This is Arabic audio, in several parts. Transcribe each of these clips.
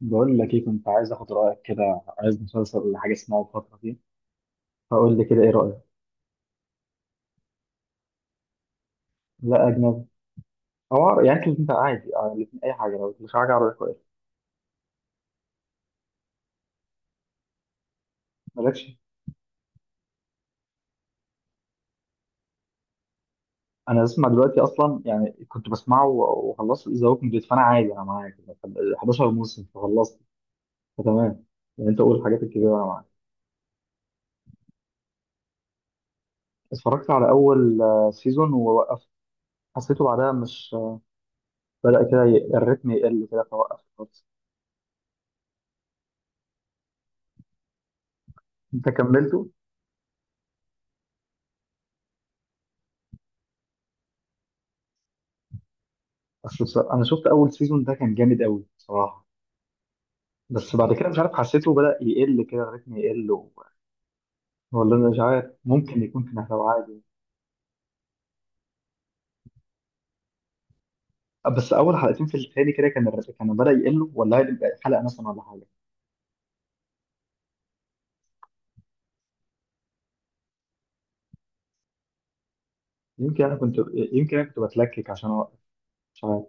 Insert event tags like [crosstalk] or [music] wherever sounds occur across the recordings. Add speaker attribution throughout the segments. Speaker 1: بقول لك ايه، كنت عايز اخد رايك كده، عايز مسلسل ولا حاجه اسمعه الفتره دي؟ فقول لي كده ايه رايك. لا اجنبي او عربي، يعني انت عادي، الاتنين اي حاجه، لو مش حاجه عربي كويس. مالكش. انا بسمع دلوقتي اصلا، يعني كنت بسمعه وخلصت ذا ووكينج ديد، فانا عادي انا معاك، 11 موسم فخلصت، فتمام. يعني انت قول الحاجات الكبيره انا معاك. اتفرجت على اول سيزون ووقفت. حسيته بعدها مش بدأ كده الريتم يقل كده فوقفت خالص. انت كملته؟ اصل بصراحة انا شفت اول سيزون ده كان جامد قوي بصراحه. بس بعد كده مش عارف، حسيته بدأ يقل كده الريتم يقل و... ولا انا مش عارف، ممكن يكون كان هيبقى عادي. بس اول حلقتين في التاني كده كان الريتم كان بدأ يقل، ولا هيبقى حلقة مثلا ولا حاجة. يمكن انا كنت يمكن انا كنت بتلكك عشان اوقف، مش عارف.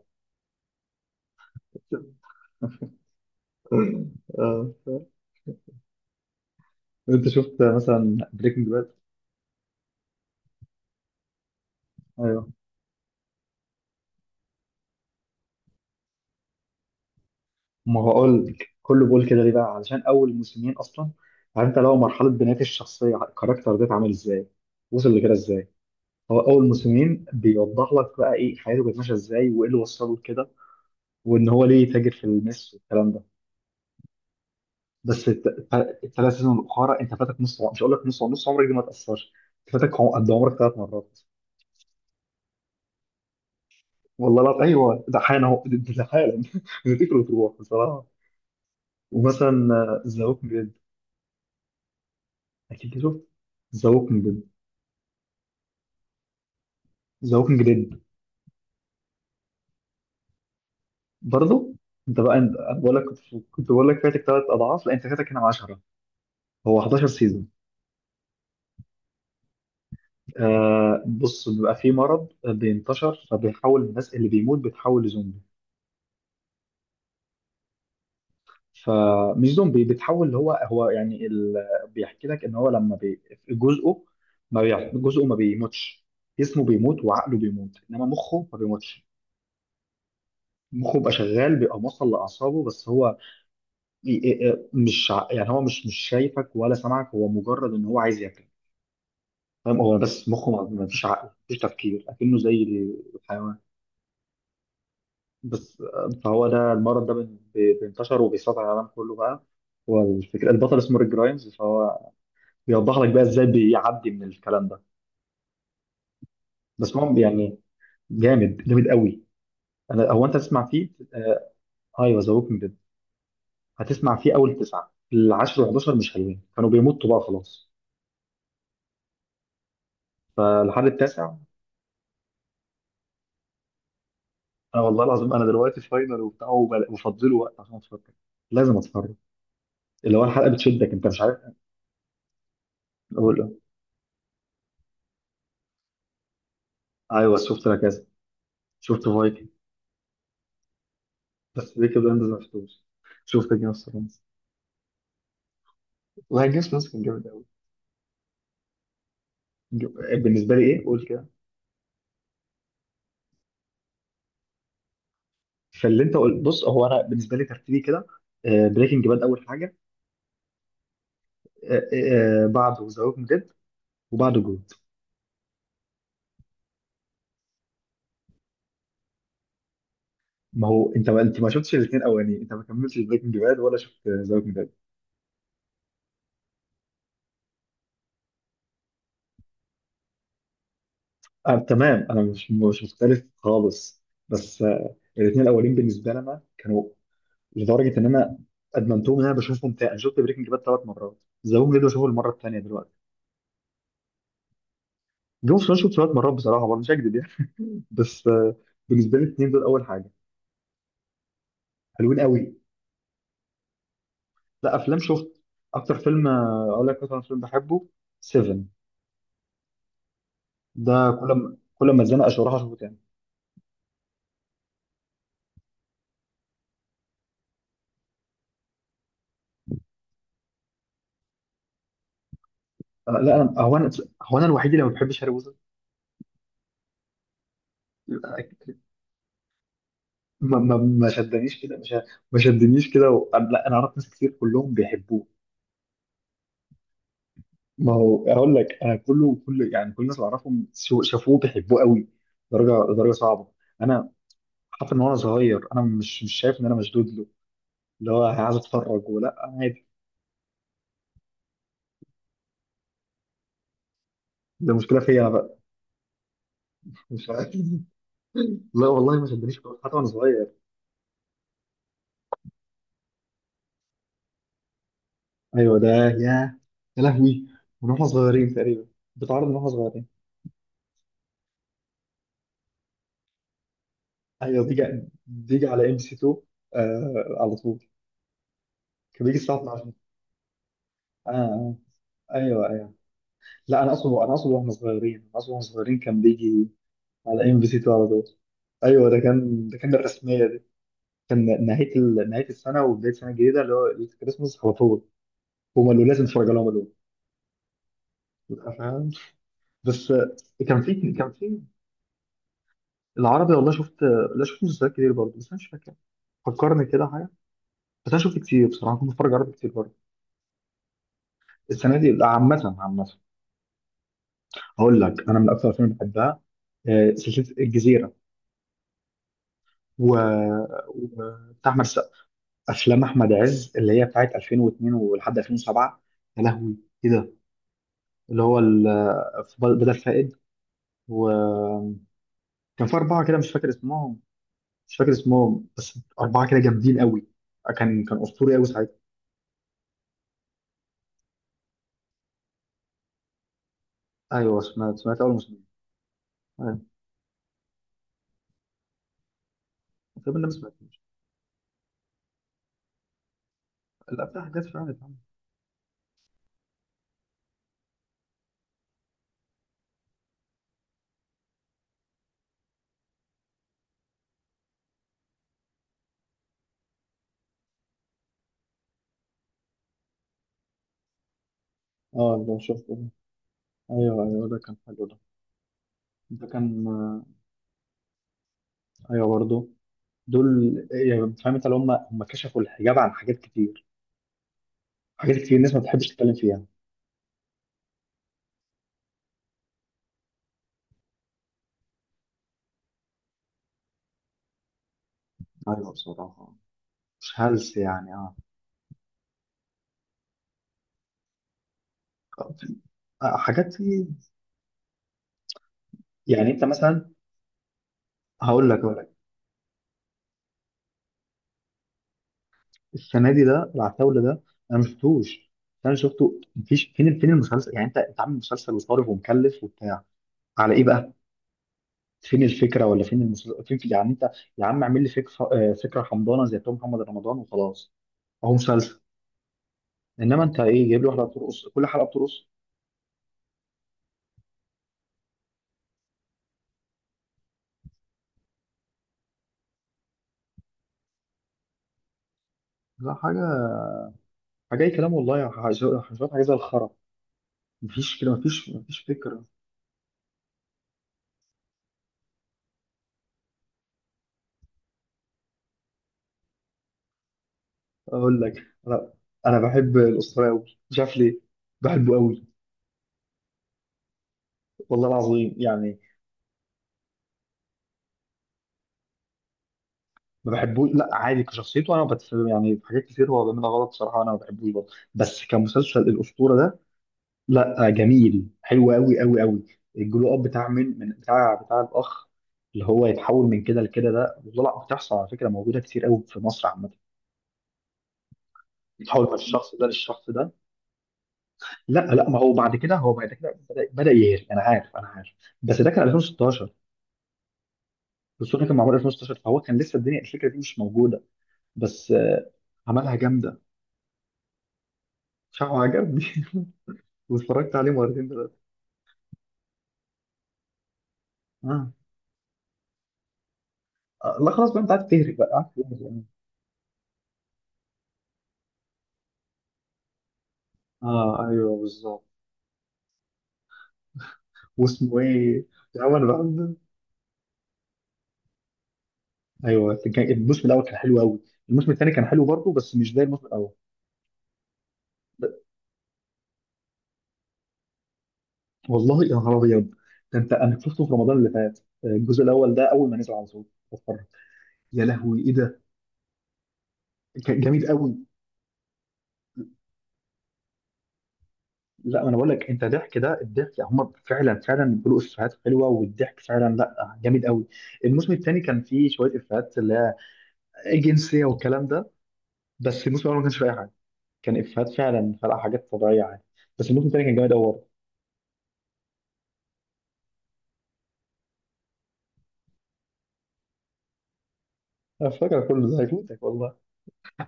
Speaker 1: [laughs] آه. انت شفت مثلا بريكنج باد؟ ايوه. ما هو اقول لك كله بقول كده ليه بقى، علشان اول موسمين اصلا عارف انت لو مرحله بناء الشخصيه، الكاركتر ده اتعمل ازاي، وصل لكده ازاي. هو اول موسمين بيوضح لك بقى ايه حياته كانت ماشيه ازاي، وايه اللي وصله لكده، وان هو ليه تاجر في المس والكلام ده. بس الثلاث سيزون الاخرى انت فاتك مش هقول لك نص عمرك دي ما تاثرش. انت فاتك قد عمرك ثلاث مرات. والله لا ايوه ده حالا اهو، ده حالا [laughs] بتفتكر وتروح بصراحه. ومثلا ذا ووكينج ديد. اكيد شفت ذا ووكينج ديد. ذا ووكينج ديد. برضه. انت بقى انت انا بقول لك كنت، كنت بقول لك فاتك ثلاث اضعاف، لا انت فاتك هنا 10، هو 11 سيزون. بص، بيبقى في مرض بينتشر، فبيحول الناس اللي بيموت بتحول لزومبي، فمش زومبي، بتحول اللي هو يعني ال... بيحكي لك ان هو لما بي... جزءه، ما بي... جزءه ما بيموتش، جسمه بيموت وعقله بيموت، انما مخه ما بيموتش. مخه بيبقى شغال، بيبقى موصل لاعصابه، بس هو ي- مش يعني هو مش شايفك ولا سامعك، هو مجرد ان هو عايز ياكل، فاهم، هو بس مخه ما فيش عقل، ما فيش تفكير، اكنه زي الحيوان بس. فهو ده المرض ده بينتشر وبيسيطر على العالم كله بقى. والفكرة، البطل اسمه ريك جرايمز، فهو بيوضح لك بقى ازاي بيعدي من الكلام ده. بس هو يعني جامد جامد قوي. انا هو انت تسمع فيه آه. ايوه ذا ووكينج ديد. هتسمع فيه اول تسعة، العاشر و11 مش حلوين، كانوا بيمطوا بقى خلاص، فلحد التاسع. انا والله العظيم انا دلوقتي فاينل وبتاع وفضله وقت عشان اتفرج، لازم اتفرج، اللي هو الحلقة بتشدك انت مش عارف. إيه. ايوه شفت لك كذا. شفت فايكنج. بس بيكي بلاندرز ما شفتوش. شفت جيمس اوف ثرونز. والله جيمس اوف ثرونز كان جامد قوي. بالنسبه لي ايه قول كده. فاللي انت قلت بص، هو انا بالنسبه لي ترتيبي كده، بريكنج باد اول حاجه، بعده ذا ووكينج ديد، وبعده جود. ما هو انت ما انت ما شفتش الاثنين الاولانيين، انت ما كملتش بريكنج باد ولا شفت ذا ووكينج ديد. تمام، انا مش مختلف خالص. بس الاثنين الاولين بالنسبه لنا كانوا، لدرجه ان انا ادمنتهم، ان انا بشوفهم تاني. انا شفت بريكنج باد ثلاث مرات، ذا ووكينج ديد بشوفه المره الثانيه دلوقتي. جون سوشو شويه مرات بصراحه برضه مش هكذب يعني. [laughs] بس آه، بالنسبه لي الاثنين دول اول حاجه. حلوين قوي. لا افلام شفت. اكتر فيلم اقول لك مثلا، فيلم بحبه 7، ده كل ما اتزنق اشرحه اشوفه تاني. أنا لا انا هو انا هو انا الوحيد اللي ما بحبش هاري بوتر. [laughs] ما شدنيش كده مش، ما شدنيش كده و... لا انا اعرف ناس كتير كلهم بيحبوه. ما هو اقول لك انا كله كل يعني كل الناس اللي اعرفهم شافوه بيحبوه قوي، درجه درجه صعبه. انا حتى من وانا صغير انا مش شايف ان انا مشدود له، اللي هو عايز اتفرج ولا عادي. ده مشكله فيا انا بقى، مش عارف. [laughs] لا والله ما شدنيش خالص حتى وانا صغير. ايوه ده، يا لهوي، من واحنا صغيرين تقريبا، بتعرض من واحنا صغيرين. ايوه بيجي على ام سي 2، آه على طول. كان بيجي الساعه 12. اه آه. ايوه ايوه. لا انا اقصد، انا اقصد واحنا صغيرين كان بيجي على ام بي سي 2 على طول. ايوه، ده كان الرسميه. كان نهايه ال... نهايه السنه وبدايه السنه الجديده، اللي هو ليله الكريسماس على طول. هم قالوا لازم تتفرج عليهم الأول. فاهم. بس كان في، العربي، والله شفت، لا شفت مسلسلات كتير برضه، بس انا مش فاكر، فكرني كده حاجه. بس انا شفت كتير بصراحه، كنت بتفرج عربي كتير برضه. السنه دي؟ لا، عامه عامه. هقول لك انا من اكثر الافلام اللي بحبها، سلسله الجزيره، و... وبتاع احمد السقا، افلام احمد عز اللي هي بتاعت 2002 ولحد 2007، يا لهوي ايه ده، اللي هو ال... بدل فائد، و... كان في أربعة كده مش فاكر اسمهم، مش فاكر اسمهم بس أربعة كده جامدين قوي، كان أسطوري قوي ساعتها. أيوه سمعت، أول مسلم. أيوه. طب أنا ما سمعتوش. لا بتاع حاجات فعلا اتعملت. اه ده شفته ده. ايوه ايوه ده كان حلو ده. ده كان آه. ايوه برضه. دول يعني، فاهم، انت اللي هم كشفوا الحجاب عن حاجات كتير، حاجات كتير الناس ما بتحبش تتكلم فيها. ايوه بصراحه، مش هلس يعني، اه. آه، حاجات في، يعني انت مثلا، هقول لك السنه دي، ده العتاوله ده انا ما شفتوش. انا شفته مفيش، فين المسلسل، يعني انت عامل مسلسل وصارف ومكلف وبتاع على ايه بقى، فين الفكره، ولا فين المسلسل، فين في يعني انت، يا عم اعمل لي فكره، فكره حمضانه زي بتوع محمد رمضان وخلاص، اهو مسلسل. انما انت ايه جايب لي واحده بترقص كل حلقه بترقص. لا حاجه، حاجه اي كلام، والله يا شويه، حاجه زي الخرا. مفيش كده، مفيش فكره. اقول لك، لا انا بحب الاسطوره قوي مش عارف ليه، بحبه قوي، والله العظيم يعني. ما بحبوش لا عادي كشخصيته، انا يعني في حاجات كتير هو بيعملها غلط صراحه، انا ما بحبوش برضه. بس كمسلسل الاسطوره ده لا جميل، حلو قوي قوي قوي. الجلو اب بتاع من بتاع الاخ، اللي هو يتحول من كده لكده ده، وطلع بتحصل على فكره موجوده كتير قوي في مصر عامه، يتحول من الشخص ده للشخص ده. لا لا، ما هو بعد كده، بدا يهري، انا عارف انا عارف، بس ده كان 2016، الاسطوره كان معمول 2016، فهو كان لسه الدنيا الفكره دي مش موجوده، بس آه، عملها جامده. شعره عجبني [laughs] واتفرجت عليه مرتين دلوقتي. اه آه. لا خلاص بقى، انت عارف تهري بقى، عارف تهري، آه. اه ايوه بالظبط. واسمه ايه؟ يا عم انا بحب. ايوه كان الموسم الاول كان حلو قوي. الموسم الثاني كان حلو برضه بس مش زي الموسم الاول. ب- والله يا نهار ابيض ده، انت انا شفته في رمضان اللي فات، الجزء الاول ده اول ما نزل على طول بتفرج، يا لهوي ايه ده، كان جميل قوي. لا انا بقول لك، انت ضحك ده، الضحك هم فعلا فعلا بيقولوا افيهات حلوه، والضحك فعلا لا جامد قوي. الموسم الثاني كان فيه شويه افيهات اللي هي جنسيه والكلام ده، بس الموسم الاول ما كانش فيه اي حاجه، كان افيهات فعلا، خلق حاجات طبيعيه عادي. بس الموسم الثاني كان جامد قوي برضه. انا فاكر كله زي فوتك والله.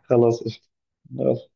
Speaker 1: خلاص قشطه.